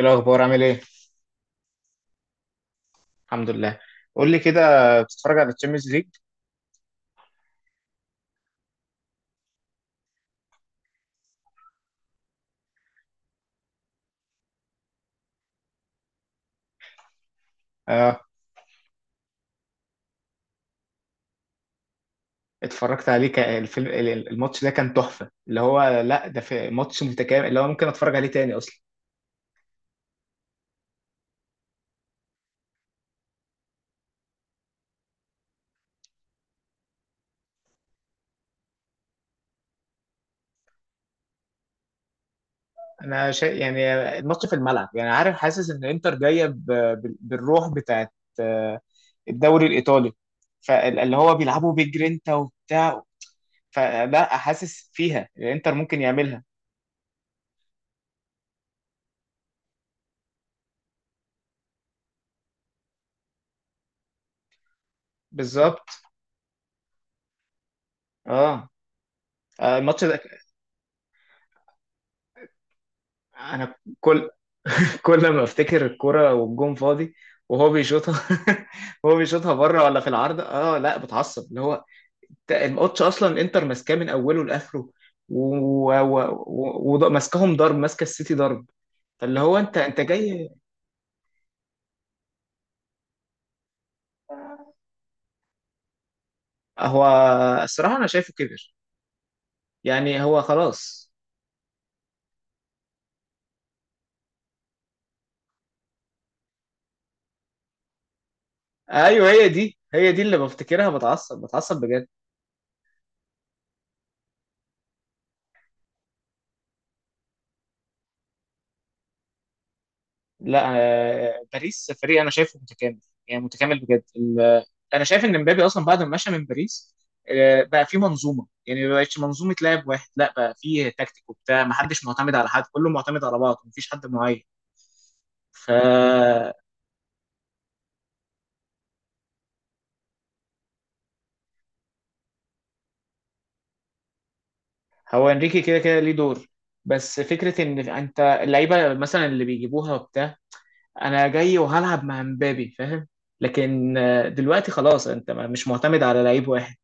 ايه الاخبار، عامل ايه؟ الحمد لله. قول لي كده، بتتفرج على الشامبيونز ليج؟ اه. اتفرجت عليه الماتش ده كان تحفه، اللي هو لا، ده في ماتش متكامل اللي هو ممكن اتفرج عليه تاني اصلا. انا شيء يعني، الماتش في الملعب، يعني عارف، حاسس ان انتر جايه بالروح بتاعت آه، الدوري الايطالي، فاللي هو بيلعبوا بجرينتا وبتاع، فلا حاسس فيها الانتر ممكن يعملها. بالظبط. اه. الماتش ده انا كل كل ما افتكر الكرة والجون فاضي وهو بيشوطها وهو بيشوطها بره ولا في العارضة، اه لا بتعصب اللي هو. انت الماتش اصلا الانتر ماسكاه من اوله لاخره، وماسكاهم وماسكاهم ضرب، ماسكه السيتي ضرب، فاللي هو انت جاي. هو الصراحة انا شايفه كبر، يعني هو خلاص. ايوه، هي دي اللي بفتكرها، بتعصب بتعصب بجد. لا، باريس فريق انا شايفه متكامل، يعني متكامل بجد انا شايف ان مبابي اصلا بعد ما مشى من باريس بقى في منظومه، يعني ما بقتش منظومه لاعب واحد، لا بقى في تكتيك وبتاع، ما حدش معتمد على حد، كله معتمد على بعض، مفيش حد معين فهو. انريكي كده كده ليه دور، بس فكره ان انت اللعيبه مثلا اللي بيجيبوها وبتاع، انا جاي وهلعب مع مبابي فاهم، لكن دلوقتي خلاص انت مش معتمد على لعيب واحد.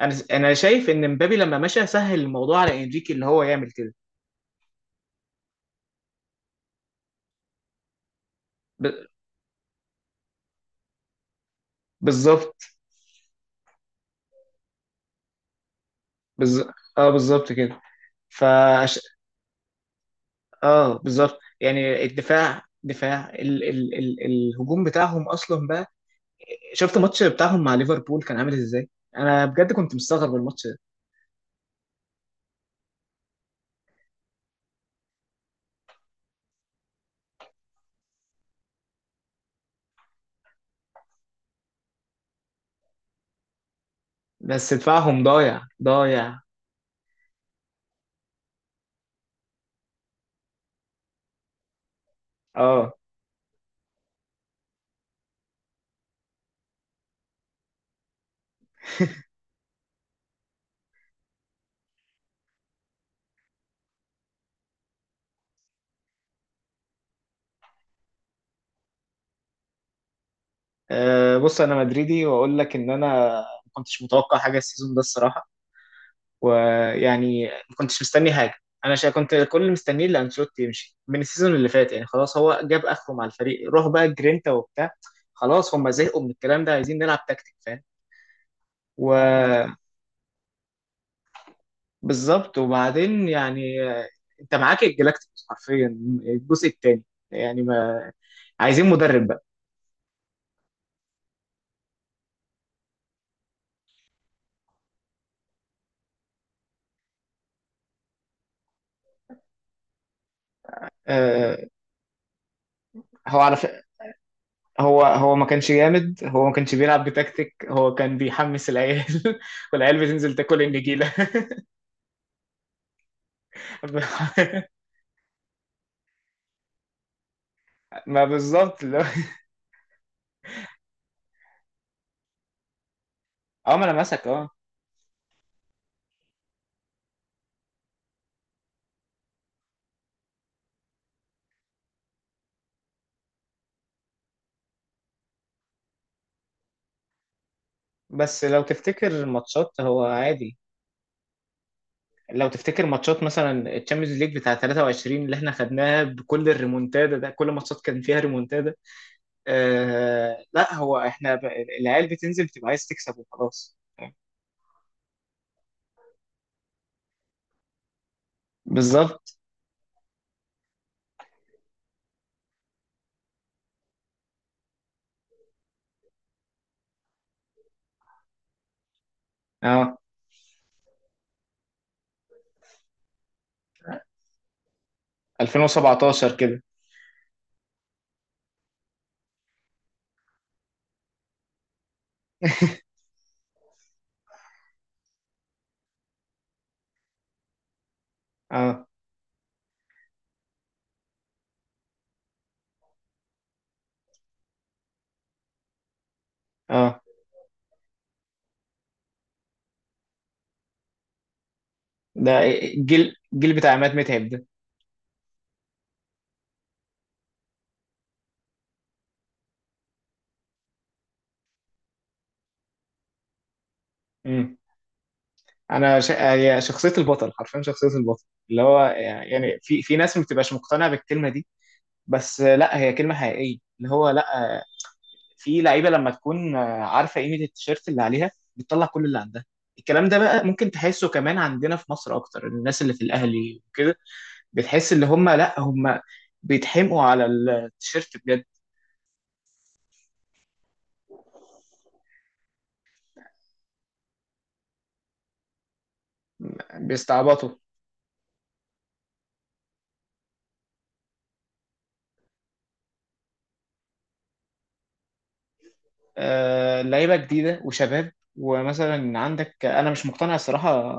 انا شايف ان مبابي لما مشى سهل الموضوع على انريكي اللي هو يعمل كده. ب... بالظبط. بز... اه بالظبط كده. ف اه بالظبط، يعني الدفاع دفاع ال... ال... ال... الهجوم بتاعهم اصلا بقى. شفت الماتش بتاعهم مع ليفربول كان عامل ازاي؟ انا بجد كنت مستغرب الماتش ده، بس دفاعهم ضايع ضايع. اه. بص انا مدريدي واقول لك ان انا ما كنتش متوقع حاجه السيزون ده الصراحه، ويعني ما كنتش مستني حاجه. انا كنت كل اللي مستنيه اللي انشيلوتي يمشي من السيزون اللي فات، يعني خلاص هو جاب اخره مع الفريق، روح بقى جرينتا وبتاع. خلاص هم زهقوا من الكلام ده، عايزين نلعب تكتيك فاهم. وبالظبط. وبعدين يعني انت معاك الجلاكتيكوس حرفيا، الجزء الثاني، يعني ما عايزين مدرب بقى. آه، هو على هو ما كانش جامد، هو ما كانش بيلعب بتكتيك، هو كان بيحمس العيال والعيال بتنزل تاكل النجيله. ما بالظبط اللي هو. اه ما لمسك. اه بس لو تفتكر الماتشات هو عادي، لو تفتكر ماتشات مثلا الشامبيونز ليج بتاع 23 اللي احنا خدناها بكل الريمونتادا ده، كل ماتشات كان فيها ريمونتادا. آه لا هو احنا العيال بتنزل بتبقى عايز تكسب وخلاص. بالظبط. اه 2017 كده. اه اه، ده الجيل بتاع عماد متعب ده. امم انا هي شخصيه البطل حرفيا، شخصيه البطل اللي هو، يعني في ناس ما بتبقاش مقتنعه بالكلمه دي، بس لا هي كلمة حقيقية اللي هو لا، في لعيبة لما تكون عارفة قيمة التيشيرت اللي عليها بتطلع كل اللي عندها. الكلام ده بقى ممكن تحسه كمان عندنا في مصر، اكتر الناس اللي في الاهلي وكده، بتحس اللي هم لا هم بيتحمقوا على التيشيرت بجد. بيستعبطوا. لعيبه جديده وشباب، ومثلا عندك، انا مش مقتنع الصراحه،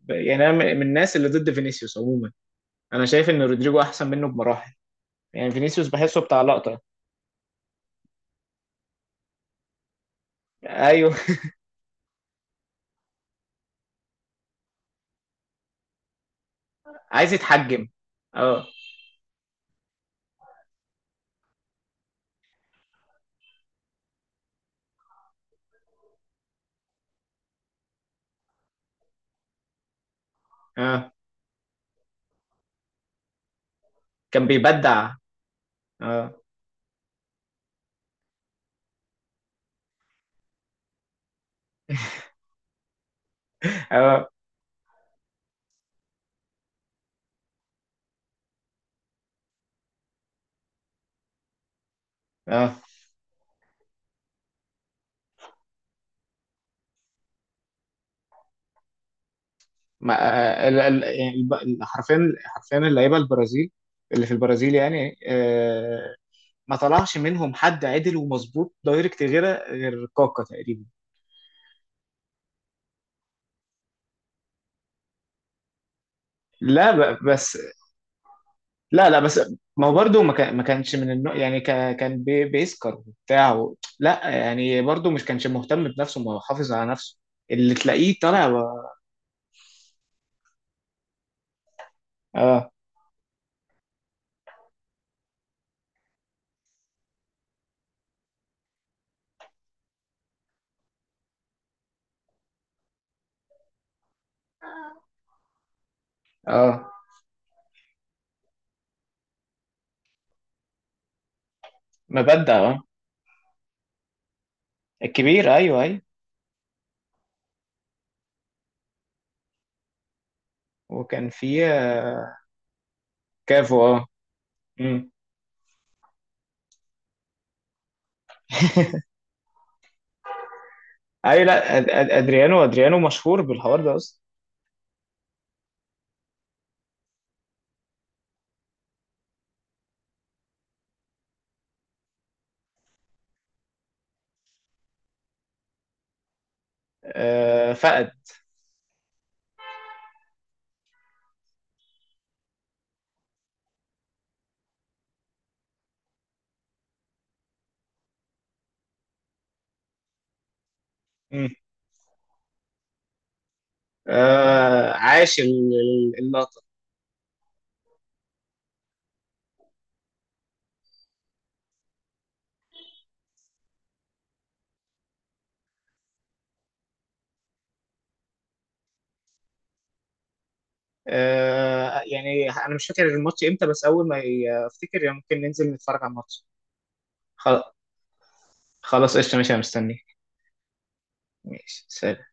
يعني انا من الناس اللي ضد فينيسيوس عموما، انا شايف ان رودريجو احسن منه بمراحل، يعني فينيسيوس بحسه بتاع لقطه. ايوه، عايز يتحجم. اه اه كان بيبدع. اه اه اه، ما يعني حرفيا، حرفيا اللعيبه البرازيل، اللي في البرازيل، يعني آه، ما طلعش منهم حد عدل ومظبوط دايركت، غير كاكا تقريبا. لا بس، لا لا بس ما هو برضه ما كانش من النوع، يعني كان بيسكر وبتاع لا يعني برضه مش كانش مهتم بنفسه، ما هو حافظ على نفسه، اللي تلاقيه طالع اه اه مبدع. الكبير، ايوه ايوه، وكان في كافو. اه. مم. ايوه، لا ادريانو، ادريانو مشهور بالحوار ده اصلا. فقد. مم. عاش اللقطه. يعني انا مش فاكر الماتش امتى، بس اول ما افتكر يعني ممكن ننزل نتفرج على الماتش. خل- خلاص قشطه، ماشي، انا مستنيك. ماشي، سلام.